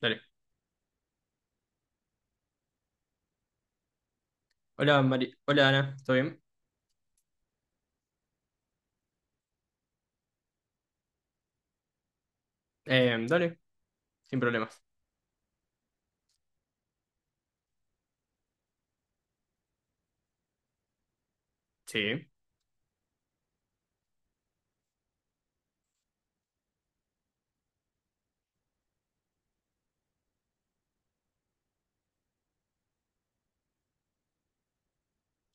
Dale. Hola, Mari. Hola, Ana. ¿Todo bien? Dale, sin problemas. Sí.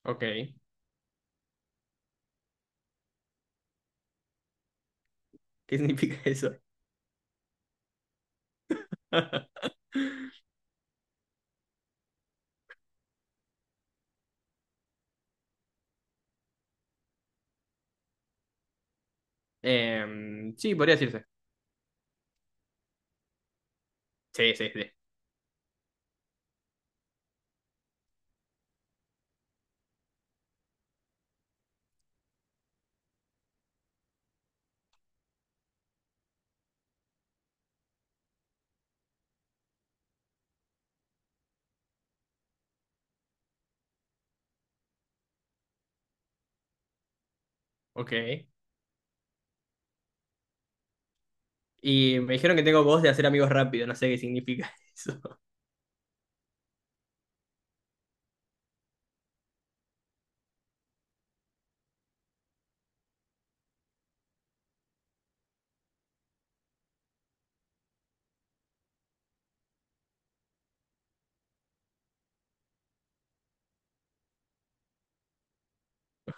Ok. ¿Qué significa eso? Sí, podría decirse. Sí, sí, sí. Ok. Y me dijeron que tengo voz de hacer amigos rápido. No sé qué significa eso.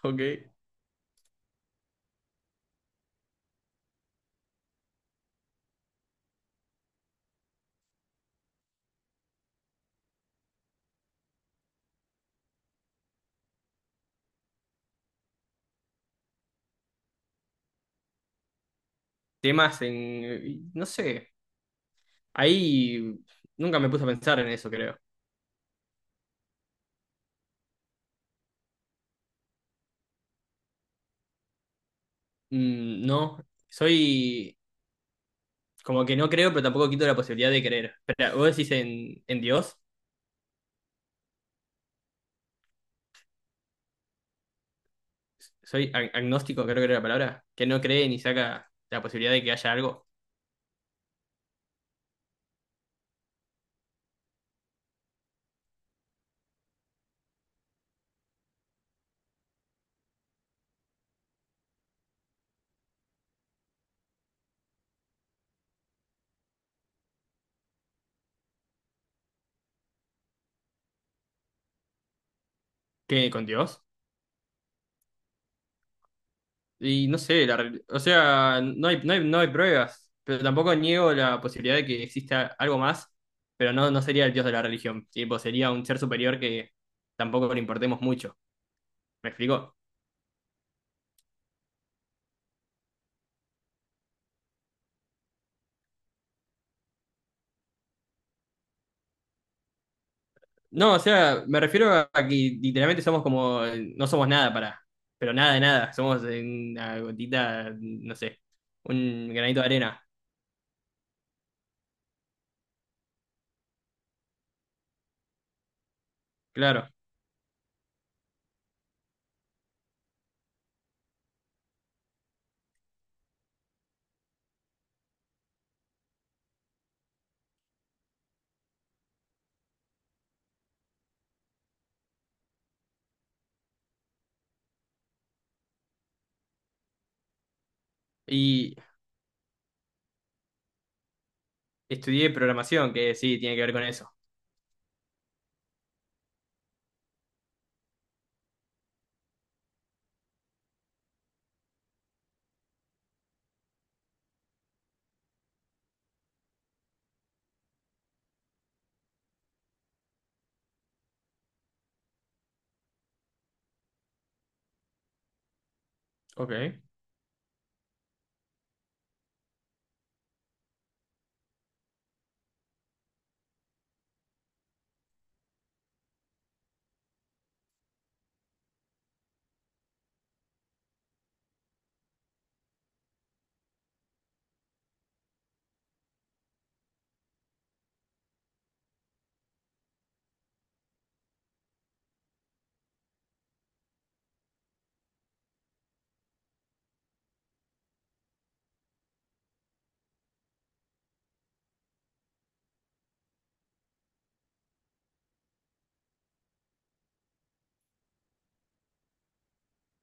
Ok. Temas en... No sé. Ahí nunca me puse a pensar en eso, creo. Mm, no. Soy... Como que no creo, pero tampoco quito la posibilidad de creer. Espera, ¿vos decís en Dios? Soy agnóstico, creo que era la palabra, que no cree ni saca la posibilidad de que haya algo que con Dios. Y no sé, o sea, no hay pruebas, pero tampoco niego la posibilidad de que exista algo más, pero no, no sería el Dios de la religión, tipo, sería un ser superior que tampoco le importemos mucho. ¿Me explico? No, o sea, me refiero a que literalmente somos como, no somos nada para, pero nada de nada, somos una gotita, no sé, un granito de arena, claro. Y Estudié programación, que sí, tiene que ver con eso. Ok.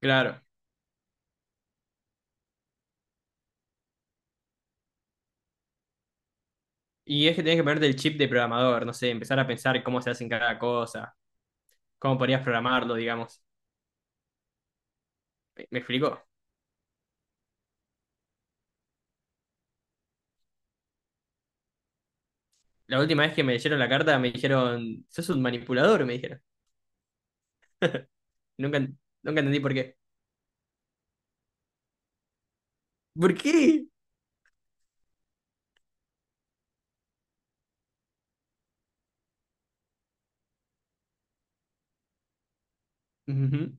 Claro. Y es que tenés que ponerte el chip de programador, no sé, empezar a pensar cómo se hacen cada cosa, cómo podrías programarlo, digamos. ¿Me explicó? La última vez que me leyeron la carta me dijeron, sos un manipulador, me dijeron. Nunca, nunca entendí por qué. ¿Por qué? Ujú.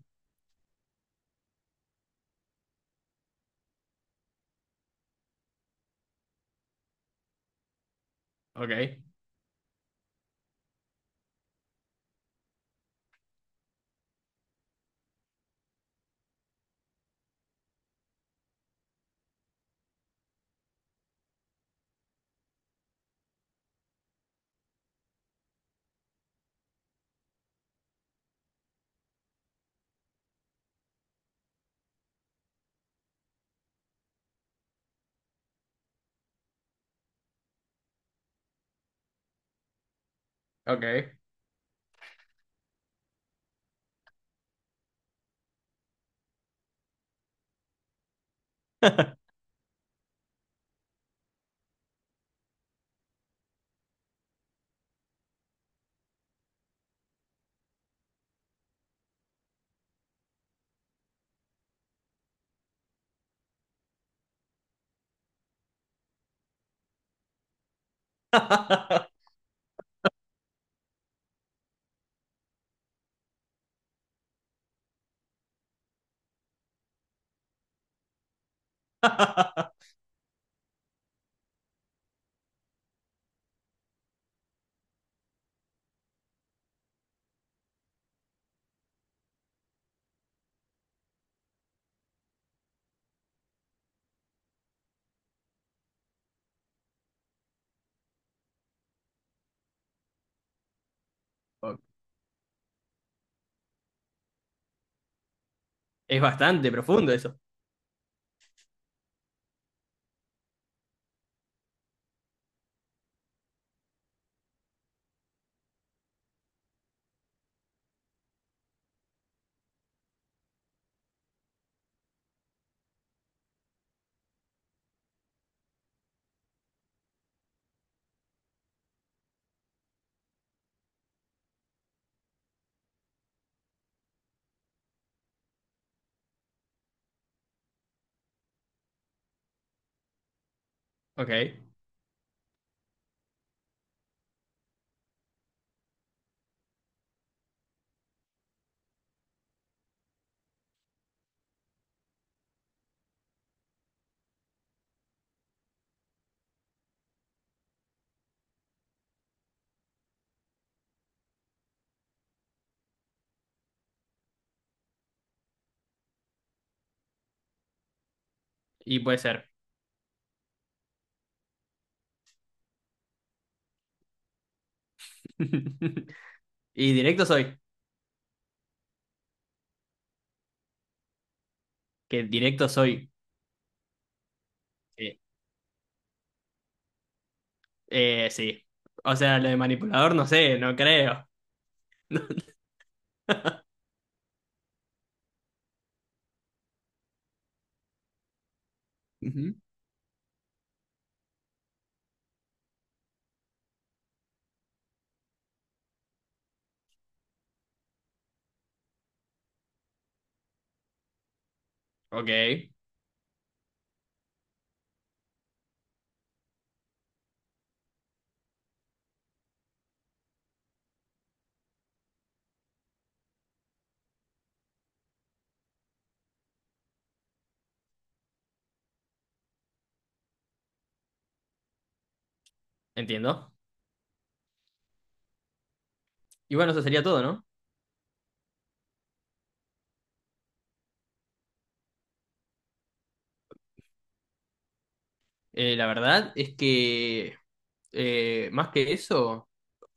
Ok, ok. Ok. Es bastante profundo eso. Ok, y puede ser. Y directo soy, que directo soy. Sí. O sea, lo de manipulador no sé, no creo. Ujú. Ok, entiendo. Y bueno, eso sería todo, ¿no? La verdad es que más que eso,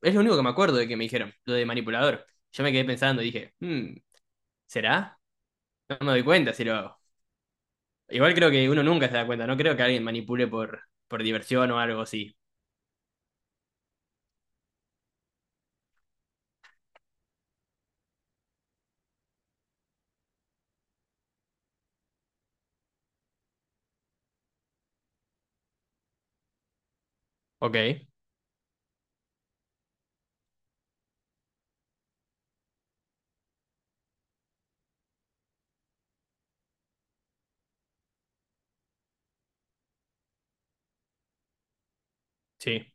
es lo único que me acuerdo de que me dijeron, lo de manipulador. Yo me quedé pensando y dije, "Hmm, ¿será? No me doy cuenta si lo hago. Igual creo que uno nunca se da cuenta, no creo que alguien manipule por diversión o algo así. Ok, sí.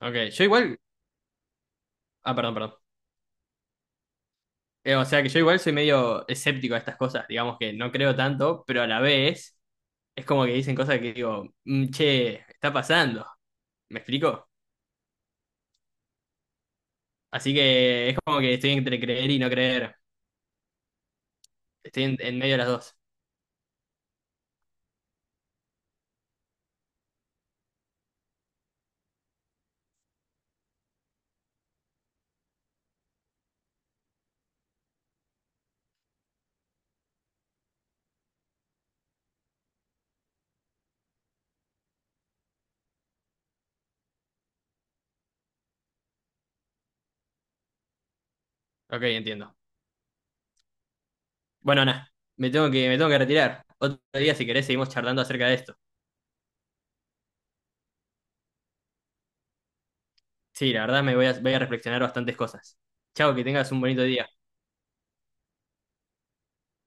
Ok, yo igual... Ah, perdón, perdón. O sea que yo igual soy medio escéptico a estas cosas, digamos que no creo tanto, pero a la vez es como que dicen cosas que digo, "Mm, che, está pasando, ¿me explico? Así que es como que estoy entre creer y no creer, estoy en medio de las dos. Ok, entiendo. Bueno, nada, me tengo que retirar. Otro día, si querés, seguimos charlando acerca de esto. Sí, la verdad me voy a, voy a reflexionar bastantes cosas. Chao, que tengas un bonito día.